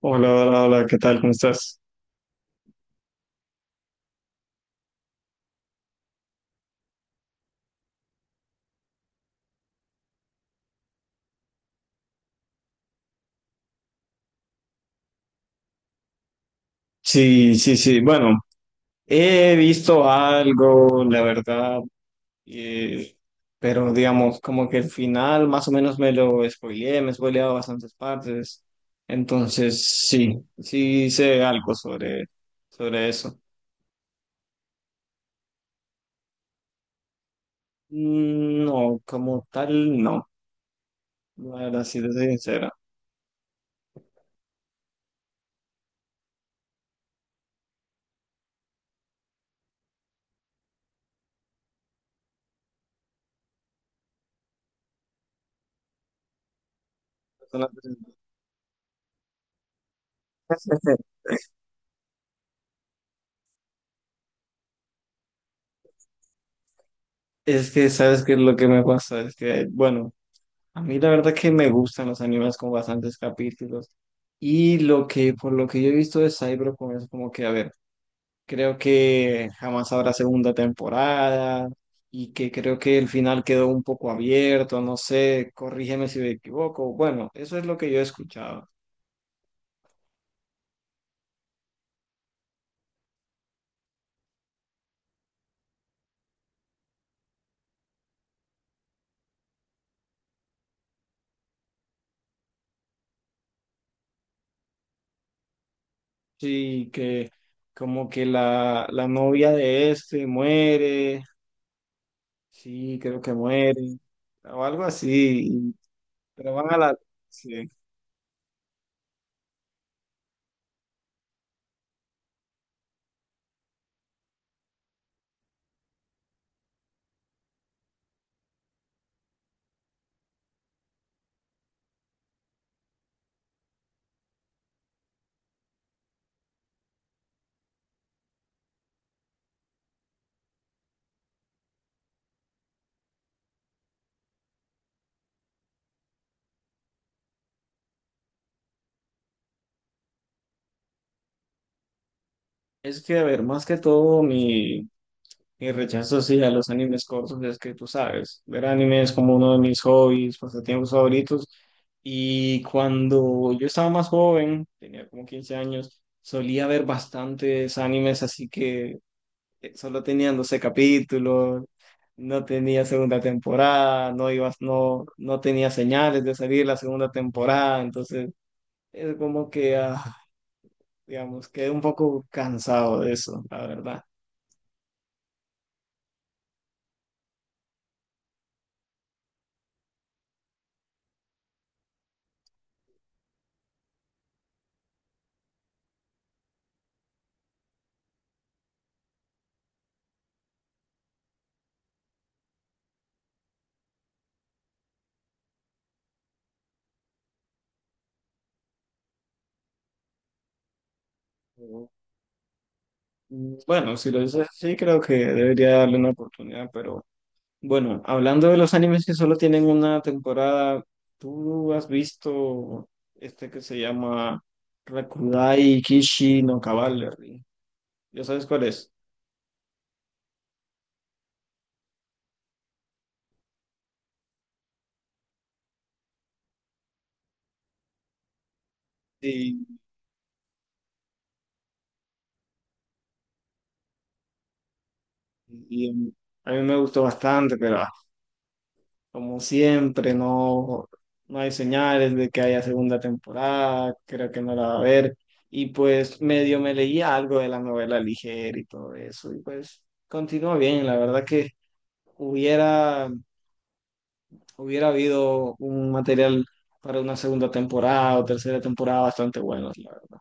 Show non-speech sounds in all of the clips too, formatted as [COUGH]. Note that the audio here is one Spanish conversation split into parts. Hola, hola, hola, ¿qué tal? ¿Cómo estás? Sí, sí, sí. Bueno, he visto algo, la verdad, eh, pero digamos, como que el final más o menos me lo spoileé, me he spoileado bastantes partes. Entonces, sí, sí sé algo sobre eso. Mm, no, como tal, no. La verdad, sí, te soy sincera. Es una- [LAUGHS] Es que, ¿sabes qué es lo que me pasa? Es que, bueno. A mí la verdad que me gustan los animes con bastantes capítulos. Por lo que yo he visto de Cyberpunk es como que, a ver, creo que jamás habrá segunda temporada y que creo que el final quedó un poco abierto, no sé, corrígeme si me equivoco. Bueno, eso es lo que yo he escuchado. Sí, que como que la novia de este muere, sí, creo que muere, o algo así. pero van a la... sí. Es que, a ver, más que todo mi rechazo sí a los animes cortos es que tú sabes, ver anime es como uno de mis hobbies, pasatiempos favoritos. Y cuando yo estaba más joven, tenía como 15 años, solía ver bastantes animes, así que solo tenían 12 capítulos, no tenía segunda temporada, no ibas, no, no tenía señales de salir la segunda temporada, entonces es como que, ah, digamos, quedé un poco cansado de eso, la verdad. Bueno, si lo dices así, creo que debería darle una oportunidad, pero bueno, hablando de los animes que solo tienen una temporada, ¿tú has visto este que se llama Rakudai Kishi no Cavalry? ¿Ya sabes cuál es? Sí, y, a mí me gustó bastante, pero como siempre, no, no hay señales de que haya segunda temporada, creo que no la va a haber. Y pues medio me leía algo de la novela ligera y todo eso, y pues continúa bien. La verdad que hubiera, hubiera habido un material para una segunda temporada o tercera temporada bastante bueno, la verdad.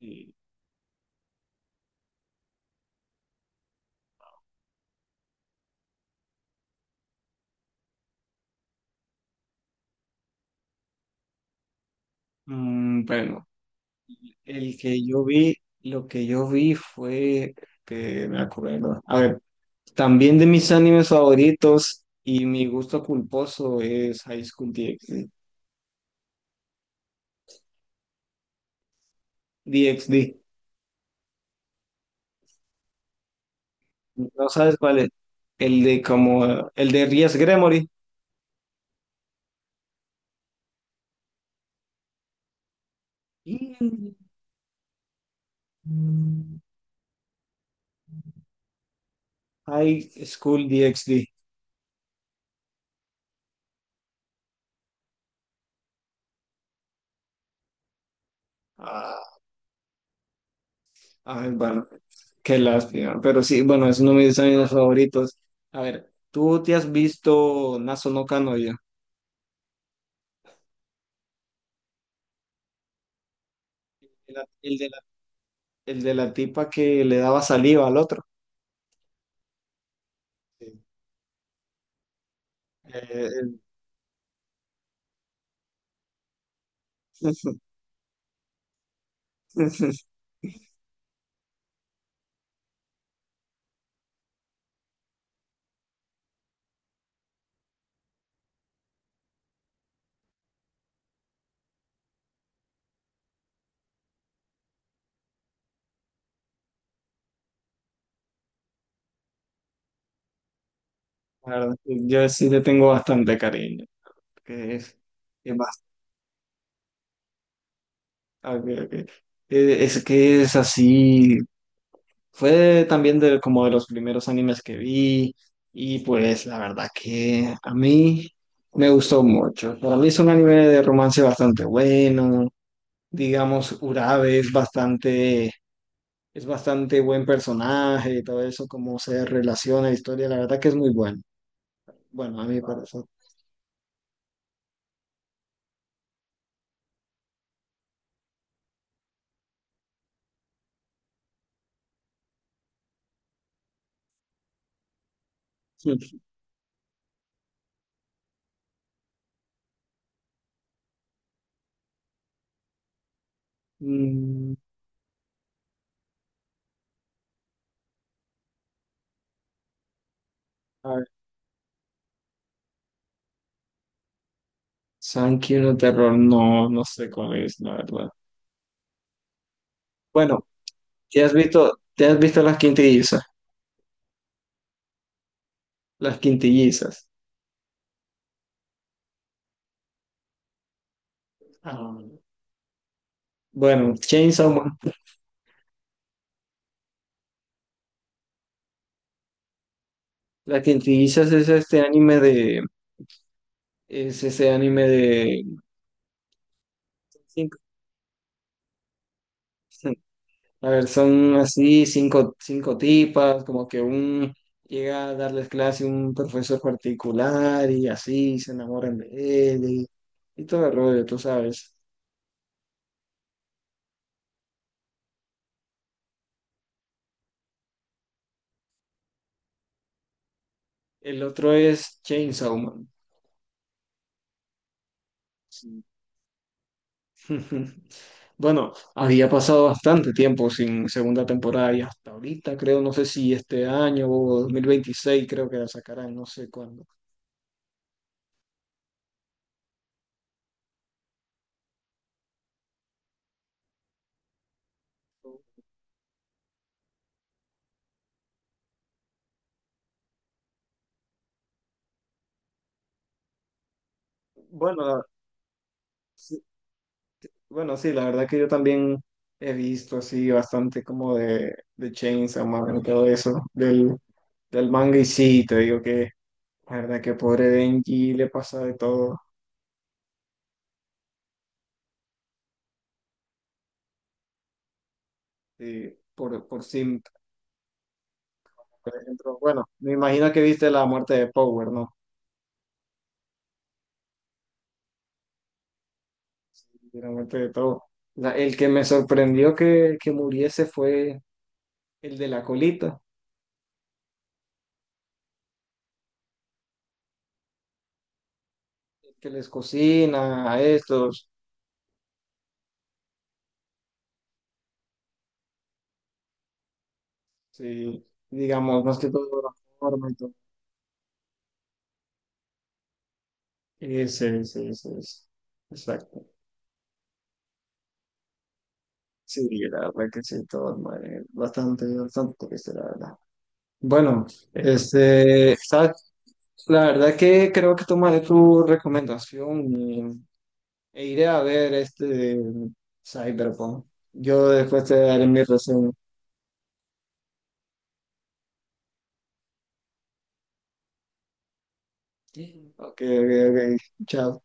Y, bueno, el que yo vi, lo que yo vi fue, que me acuerdo, a ver. También de mis animes favoritos y mi gusto culposo es High School DxD. DxD. ¿No sabes cuál es? El de como el de Ries Gremory. Y- el- High School DxD. Ah, ay, bueno, qué lástima. Pero sí, bueno, es uno de mis animes favoritos. A ver, ¿tú te has visto Naso no Kanoya? El, de el de la el de la tipa que le daba saliva al otro. Sí. Eh, eh, [LAUGHS] La verdad, yo sí le tengo bastante cariño, que es bastante, es que es así, fue también de, como de los primeros animes que vi y pues la verdad que a mí me gustó mucho. Para mí es un anime de romance bastante bueno, digamos, Urabe es bastante buen personaje y todo eso, cómo se relaciona la historia, la verdad que es muy bueno. Bueno, a mí me parece. Sí. [LAUGHS] Mm. Sankey Sankiuno Terror, no, no sé cuál es, la verdad. Bueno, te has visto las quintillizas? Las quintillizas. Ah, bueno, Chainsaw Man. Las quintillizas es este anime de, es ese anime de cinco- [LAUGHS] A ver, son así cinco, cinco tipas, como que un llega a darles clase un profesor particular y así se enamoran de él y todo el rollo, tú sabes. El otro es Chainsaw Man. [LAUGHS] Bueno, había pasado bastante tiempo sin segunda temporada y hasta ahorita creo, no sé si este año o 2026 creo que la sacarán, no sé cuándo. Bueno, la- sí, bueno, sí, la verdad que yo también he visto así bastante como de, Chainsaw Man y todo eso, del manga y sí, te digo que la verdad que pobre Denji le pasa de todo sí, por ejemplo. Bueno, me imagino que viste la muerte de Power, ¿no? De la muerte de todo. O el que me sorprendió que muriese fue el de la colita, el que les cocina a estos, sí, digamos, más que todo la forma y todo. Ese, ese, ese, ese. Exacto. Sí, la verdad que sí, todo madre, bastante, bastante triste, la verdad. Bueno, ¿sabes? La verdad que creo que tomaré tu recomendación e iré a ver este Cyberpunk. Yo después te daré mi reseña. Sí. Ok, ok, ok. Chao.